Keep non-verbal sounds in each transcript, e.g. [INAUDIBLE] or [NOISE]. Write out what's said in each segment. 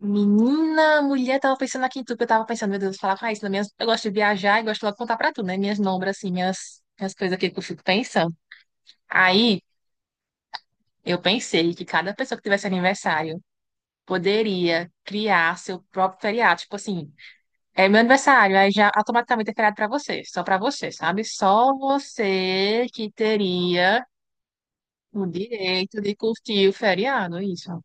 Menina, mulher, tava pensando aqui em tu, que eu tava pensando, meu Deus, falar com a Raíssa, eu gosto de viajar e gosto logo de contar pra tu, né? Minhas nombras, assim, minhas coisas aqui que eu fico pensando. Aí, eu pensei que cada pessoa que tivesse aniversário poderia criar seu próprio feriado. Tipo assim, é meu aniversário, aí já automaticamente é feriado pra você, só pra você, sabe? Só você que teria o direito de curtir o feriado, isso.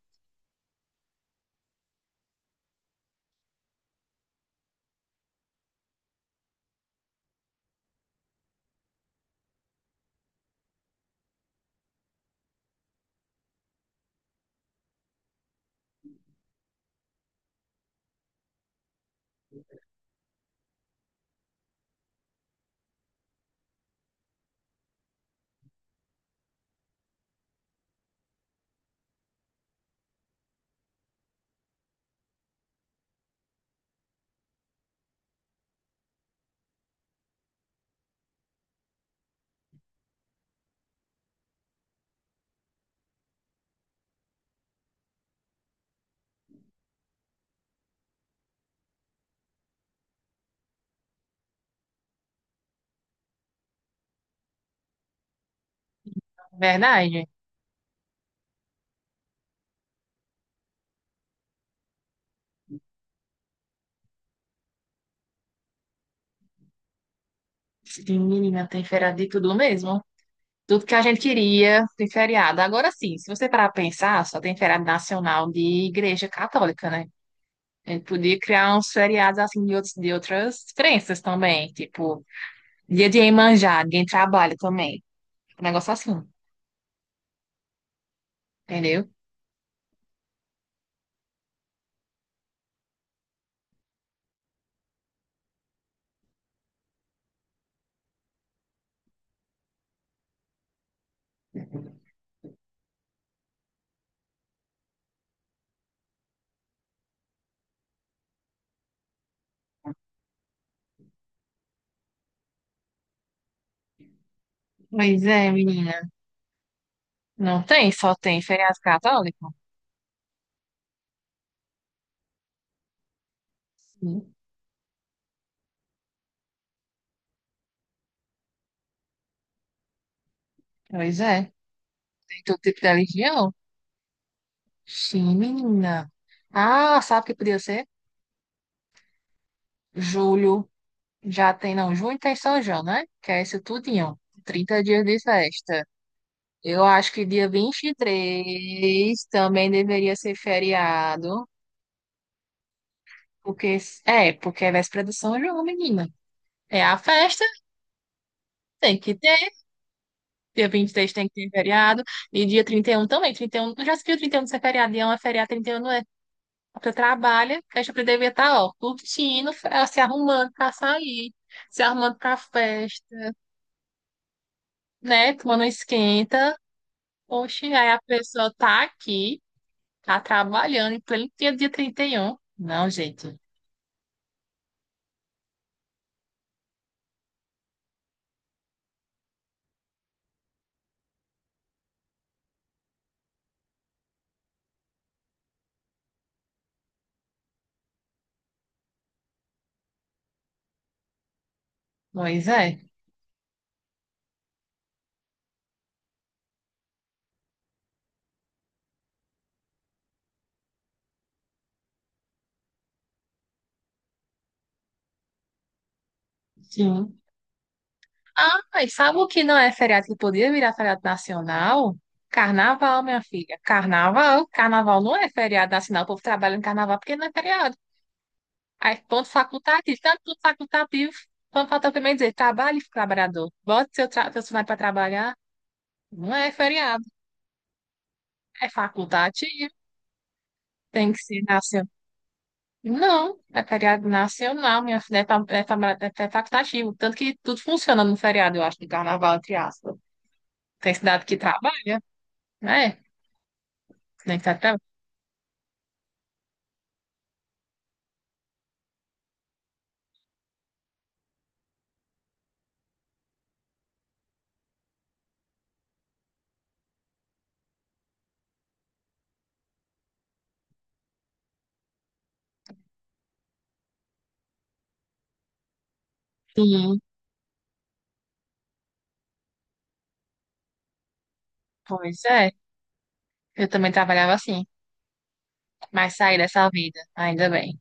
Verdade. Sim, menina, tem feriado de tudo mesmo. Tudo que a gente queria de feriado. Agora sim, se você parar para pensar, só tem feriado nacional de igreja católica, né? A gente podia criar uns feriados assim de outras crenças também, tipo dia de Iemanjá, ninguém trabalha também. Um negócio assim, entendeu? Pois é, menina. Não tem, só tem feriado católico. Sim, pois é, tem todo tipo de religião. Sim, menina. Ah, sabe o que podia ser? Julho já tem, não, junho tem São João, né? Que é esse tudinho. Trinta dias de festa. Eu acho que dia vinte e três também deveria ser feriado, porque porque é véspera do São João, menina. É a festa, tem que ter. Dia 23 tem que ter feriado, e dia 31 também. Trinta e um já se viu 31 ser feriado? Dia um é feriado, 31 não é. Você trabalha, a gente deveria estar, ó, curtindo, se arrumando pra sair, se arrumando pra festa, né? Tomando um esquenta. Poxa, aí a pessoa tá aqui, tá trabalhando, em pleno dia, dia 31. Não, gente. Pois é. Sim. Ah, mas sabe o que não é feriado que poderia virar feriado nacional? Carnaval, minha filha. Carnaval. Carnaval não é feriado nacional. O povo trabalha no carnaval porque não é feriado. Aí, ponto facultativo, tanto ponto facultativo, quando falta também dizer, trabalhe, trabalhador, bote seu funcionário para trabalhar, não é feriado, é facultativo, tem que ser nacional. Não, é feriado nacional, minha filha, é facultativo, tanto que tudo funciona no feriado, eu acho, de carnaval, entre aspas. Tem cidade que trabalha, né? Tem que tá trabalhando. Sim, pois é, eu também trabalhava assim, mas saí dessa vida, ainda bem,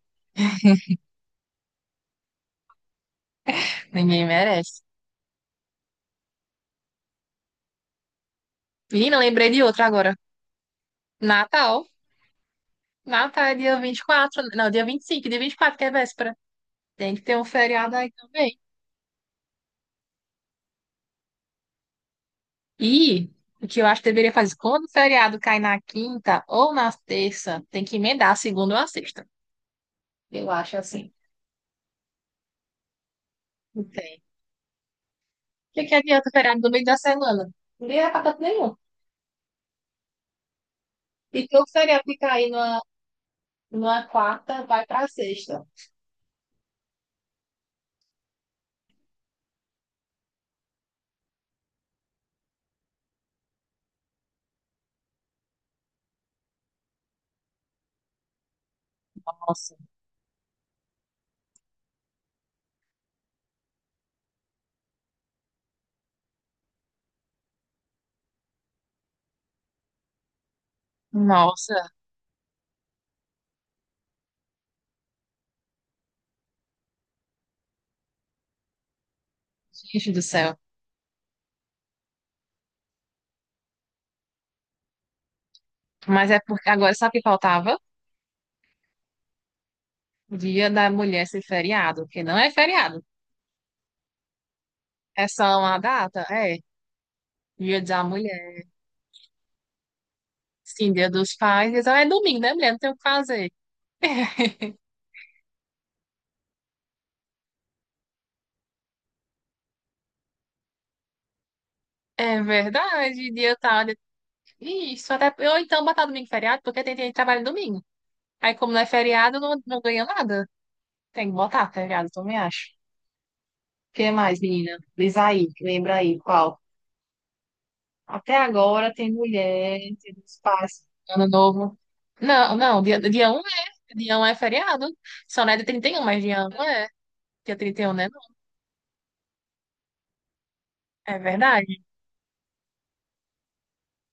ninguém merece. Menina, lembrei de outra agora, Natal. Natal é dia vinte e quatro, não, dia 25, dia 24 que é véspera. Tem que ter um feriado aí também. E o que eu acho que deveria fazer, quando o feriado cai na quinta ou na terça, tem que emendar a segunda ou a sexta. Eu acho assim. Não tem. O que é que adianta o feriado no meio da semana? Não é pra tanto nenhum. E teu feriado que cair numa quarta, vai pra sexta. Nossa, nossa, gente do céu. Mas é porque agora sabe o que faltava? Dia da mulher ser feriado, porque não é feriado. É só uma data? É, Dia da Mulher. Sim, dia dos pais. Então é domingo, né, mulher? Não tem o que fazer. [LAUGHS] É verdade, Isso, até. Ou então botar domingo feriado, porque tem gente que trabalha domingo. Aí, como não é feriado, não ganha nada. Tem que botar feriado, também acho. O que mais, menina? Diz aí, lembra aí qual? Até agora tem mulher, tem dos pais, ano novo. Não, não, dia, dia 1 é. Dia um é feriado. Só não é dia 31, mas dia um é. Dia 31, né? É verdade.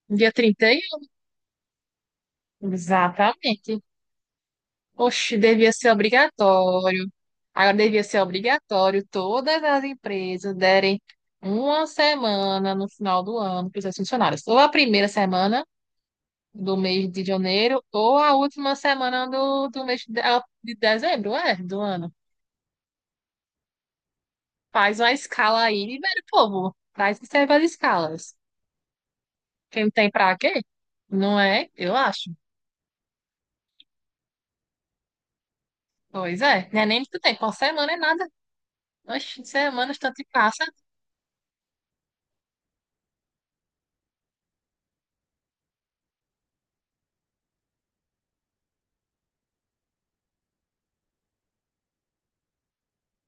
Dia 30. Exatamente. Oxe, devia ser obrigatório. Agora devia ser obrigatório todas as empresas derem uma semana no final do ano para os seus funcionários. Ou a primeira semana do mês de janeiro, ou a última semana do mês de, ah, de dezembro, é, do ano. Faz uma escala aí e libera o povo. Traz que serve as escalas. Quem tem pra quê? Não é? Eu acho. Pois é. Não é nem muito tempo. Uma semana é nada. Oxe, semanas tanto que passa.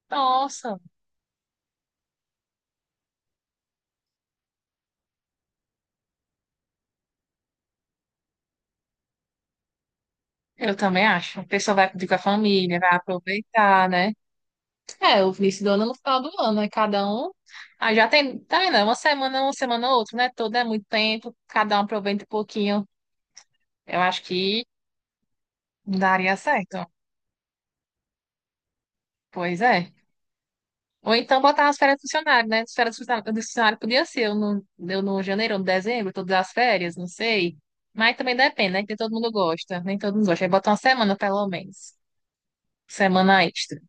Nossa. Eu também acho. A pessoa vai pedir com a família, vai aproveitar, né? É, o início do ano no final do ano, né? Cada um. Ah, já tem, tá vendo? É uma semana, uma semana, outra, né? Todo é muito tempo, cada um aproveita um pouquinho. Eu acho que daria certo. Pois é. Ou então botar as férias do funcionário, né? As férias do funcionário podia ser eu no janeiro, ou no dezembro, todas as férias, não sei. Mas também depende, né? Que nem todo mundo gosta, nem todo mundo gosta. Aí bota uma semana, pelo menos. Semana extra.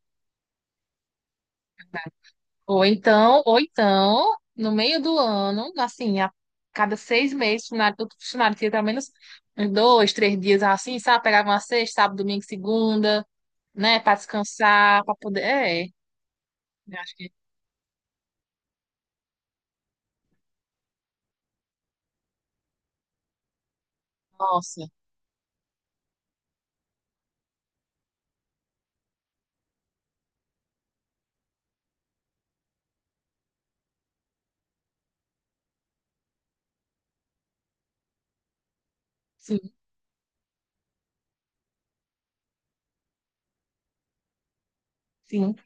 Ou então, no meio do ano, assim, a cada seis meses, o funcionário, todo funcionário tinha pelo menos uns dois, três dias assim, sabe? Pegava uma sexta, sábado, domingo, segunda, né? Para descansar, para poder. É, eu acho que. Nossa, sim, sim,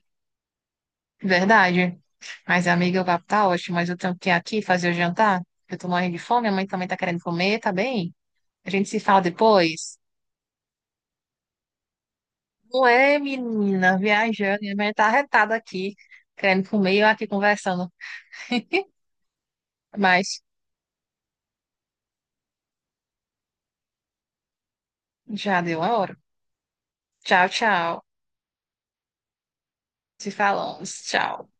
verdade. Mas, amiga, o papo tá ótimo, mas eu tenho que ir aqui fazer o jantar. Eu tô morrendo de fome, a mãe também tá querendo comer, tá bem? A gente se fala depois. Não é, menina, viajando, e a mãe tá arretada aqui, querendo comer e eu aqui conversando. Mas já deu a hora. Tchau, tchau. Te falamos. Tchau.